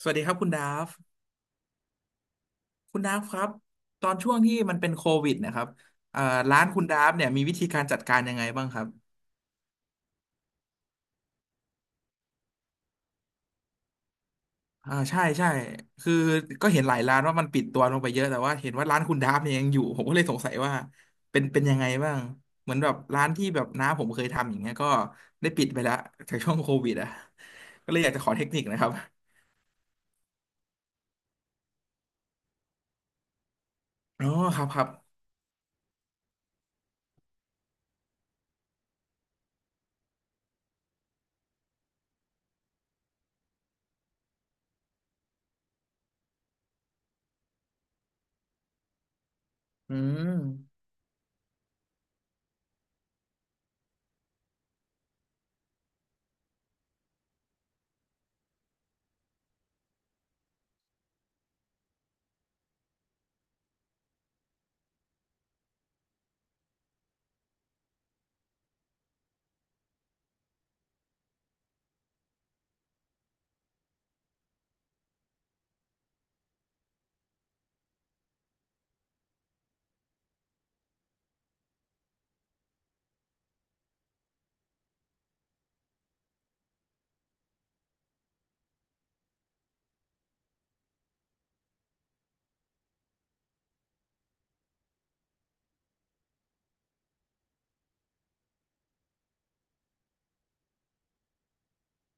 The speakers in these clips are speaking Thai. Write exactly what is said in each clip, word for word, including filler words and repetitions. สวัสดีครับคุณดาฟคุณดาฟครับตอนช่วงที่มันเป็นโควิดนะครับเอ่อร้านคุณดาฟเนี่ยมีวิธีการจัดการยังไงบ้างครับอ่าใช่ใช่คือก็เห็นหลายร้านว่ามันปิดตัวลงไปเยอะแต่ว่าเห็นว่าร้านคุณดาฟเนี่ยยังอยู่ผมก็เลยสงสัยว่าเป็นเป็นยังไงบ้างเหมือนแบบร้านที่แบบน้าผมเคยทำอย่างเงี้ยก็ได้ปิดไปแล้วจากช่วงโควิดอ่ะก็เลยอยากจะขอเทคนิคนะครับอ๋อครับครับอืม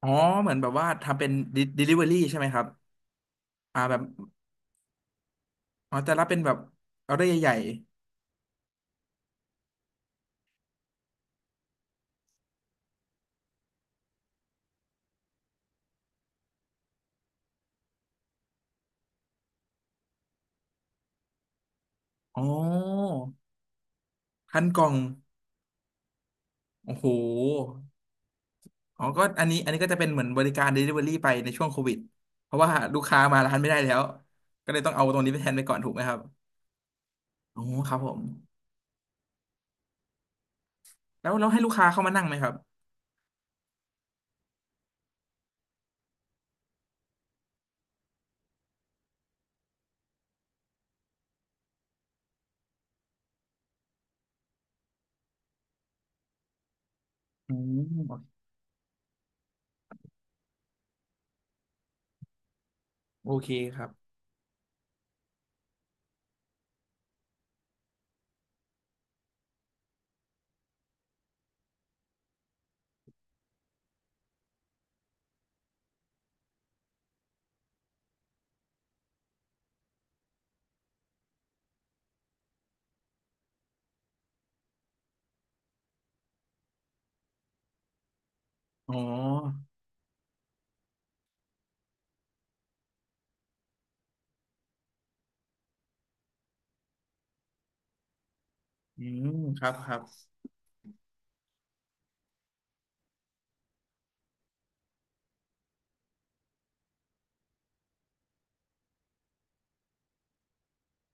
อ๋อเหมือนแบบว่าทำเป็น delivery ใช่ไหมครับอ่าแบบ อ๋อแต่ละเป็นแบบออเดอร์ใหญ่ๆอ๋อพันกล่องโอ้โหอ๋อก็อันนี้อันนี้ก็จะเป็นเหมือนบริการ Delivery ไปในช่วงโควิดเพราะว่าลูกค้ามาร้านไม่ได้แล้วก็เลยต้องเอาตรงนี้ไปแทนไปก่อนถูกไหมครับอ๋อครับผมแล้วเราให้ลูกค้าเข้ามานั่งไหมครับอืมโอเคครับอ๋ออืมครับครับ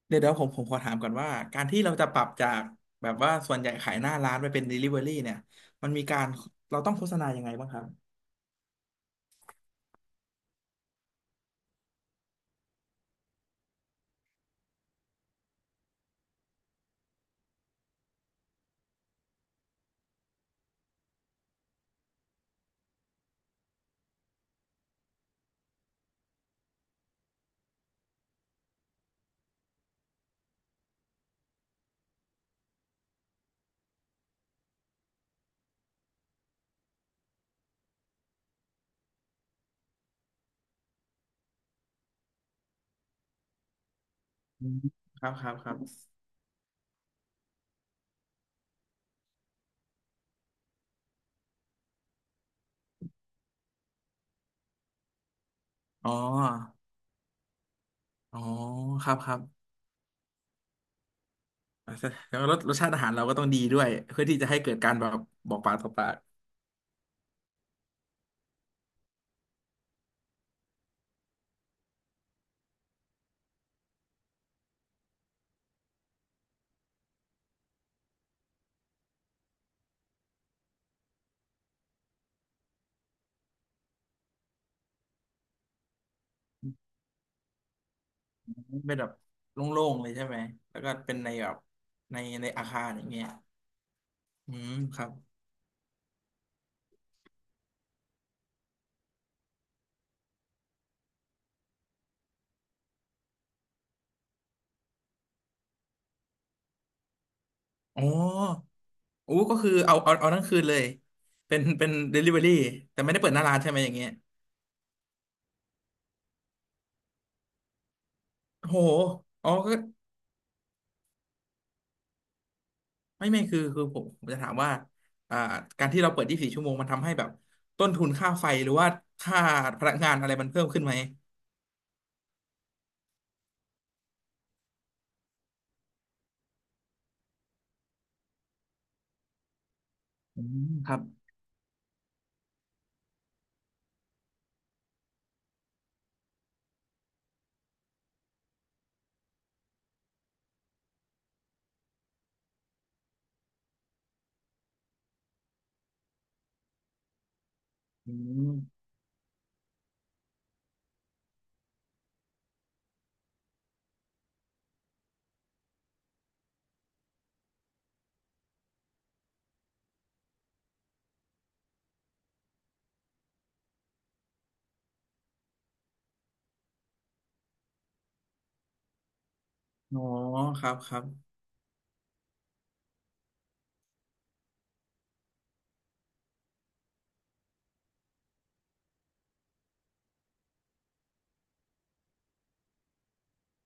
เดี๋ยวเดี๋ยวผมผมขอถามก่อนว่าการที่เราจะปรับจากแบบว่าส่วนใหญ่ขายหน้าร้านไปเป็น Delivery เนี่ยมันมีการเราต้องโฆษณายังไงบ้างครับ อืมครับครับครับอ๋ออ๋อครับครับอ่ะแล้วารสรสชาติอาหารเราก็ต้องดีด้วยเพื่อที่จะให้เกิดการแบบบอกปากต่อปากเป็นแบบโล่งๆเลยใช่ไหม แล้วก็เป็นในแบบในในอาคารอย่างเงี้ยอืมครับอ๋อโอ้ก็คือเอาเอาเอาทั้งคืนเลยเป็นเป็น delivery แต่ไม่ได้เปิดหน้าร้านใช่ไหมอย่างเงี้ยโหอ๋อ ไม่ไม่คือคือผมผมจะถามว่าอ่าการที่เราเปิดยีสี่ชั่วโมงมันทำให้แบบต้นทุนค่าไฟหรือว่าค่าพลังงานอะไรมันเพิ่มขึ้นไหมอืมครับอืมอ๋อครับครับ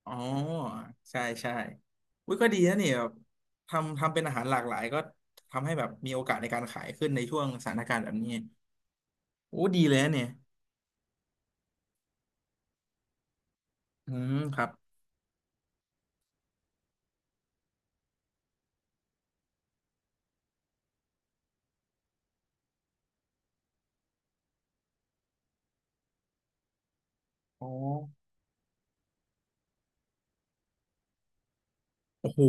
อ๋อใช่ใช่อุ้ยก็ดีนะเนี่ยแบบทำทำเป็นอาหารหลากหลายก็ทำให้แบบมีโอกาสในการขายขึ้นในช่วงสถานการณ์แบบนี้โอ้ดีเลยนะเนี่ยอืมครับอ๋อโอ้โห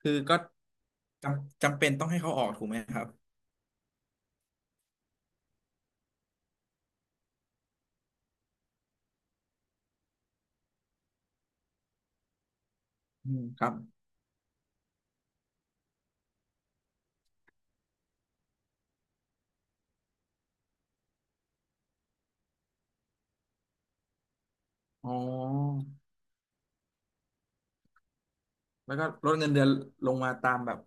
คือก็จำจำเป็นต้องให้เขาออกถูกไหมครับอืมครับอ๋อ แล้วก็ลดเงินเดือนลงมาตามแบบ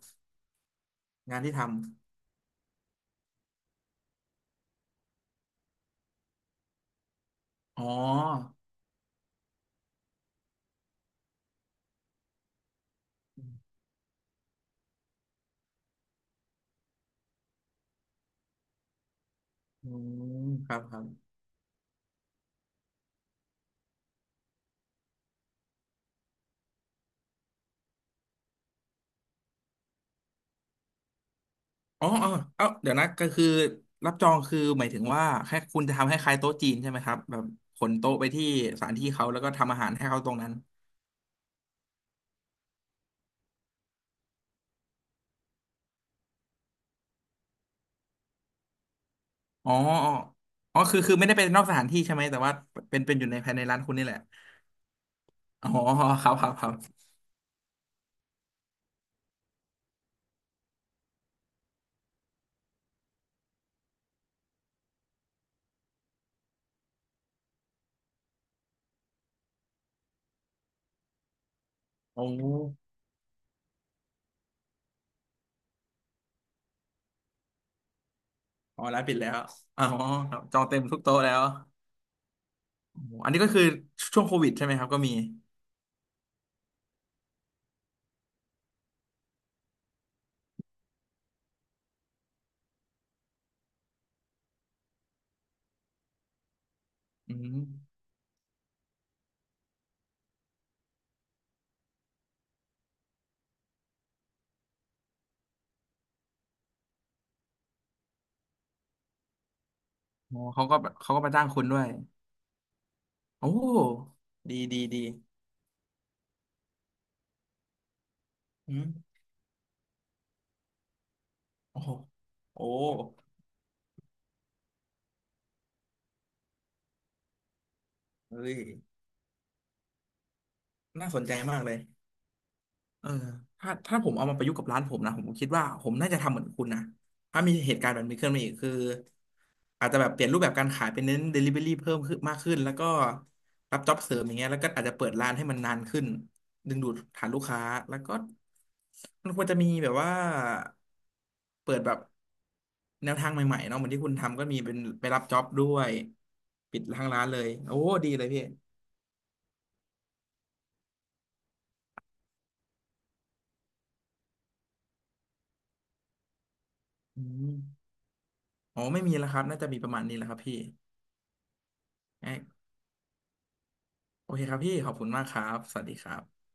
งานที่ทำอ๋ออืมครับครับอ๋อเออเอ้าเดี๋ยวนะก็คือรับจองคือหมายถึงว่าแค่คุณจะทำให้คล้ายโต๊ะจีนใช่ไหมครับแบบขนโต๊ะไปที่สถานที่เขาแล้วก็ทำอาหารให้เขาตรงนั้นอ๋ออ๋ออ๋อคือคือไม่ได้เป็นนอกสถานที่ใช่ไหมแต่ว่าเป็นเป็นอยู่ในภายในร้านคุณนี่แหละอ๋อครับครับครับโอ้อ๋อร้านปิดแล้วอ๋อครับจองเต็มทุกโต๊ะแล้วโอ้อันนี้ก็คือช่วงโควิดใช่ไหมครับก็มีอืม โอ้เขาก็เขาก็มาจ้างคุณด้วยโอ้ดีดีดีอืมโอ้โหโอ้เฮ้ยน่าสนใจมากเลย เออถ้าถ้าผมเอามาประยุกต์กับร้านผมนะผมคิดว่าผมน่าจะทำเหมือนคุณนะถ้ามีเหตุการณ์แบบนี้ขึ้นมาอีกคืออาจจะแบบเปลี่ยนรูปแบบการขายเป็นเน้น Delivery เพิ่มขึ้นมากขึ้นแล้วก็รับจ็อบเสริมอย่างเงี้ยแล้วก็อาจจะเปิดร้านให้มันนานขึ้นดึงดูดฐานลูกค้าแล้วก็มันควรจะมีแบบว่าเปิดแบบแนวทางใหม่ๆเนาะเหมือนที่คุณทำก็มีเป็นไปรับจ็อบด้วยปิดทางร้านเลยโอ้ดีเลยพี่อืมอ๋อไม่มีแล้วครับน่าจะมีประมาณนี้แหละครับพี่ โอเคครับพี่ขอบคุณมากครับ สวัสดีครับ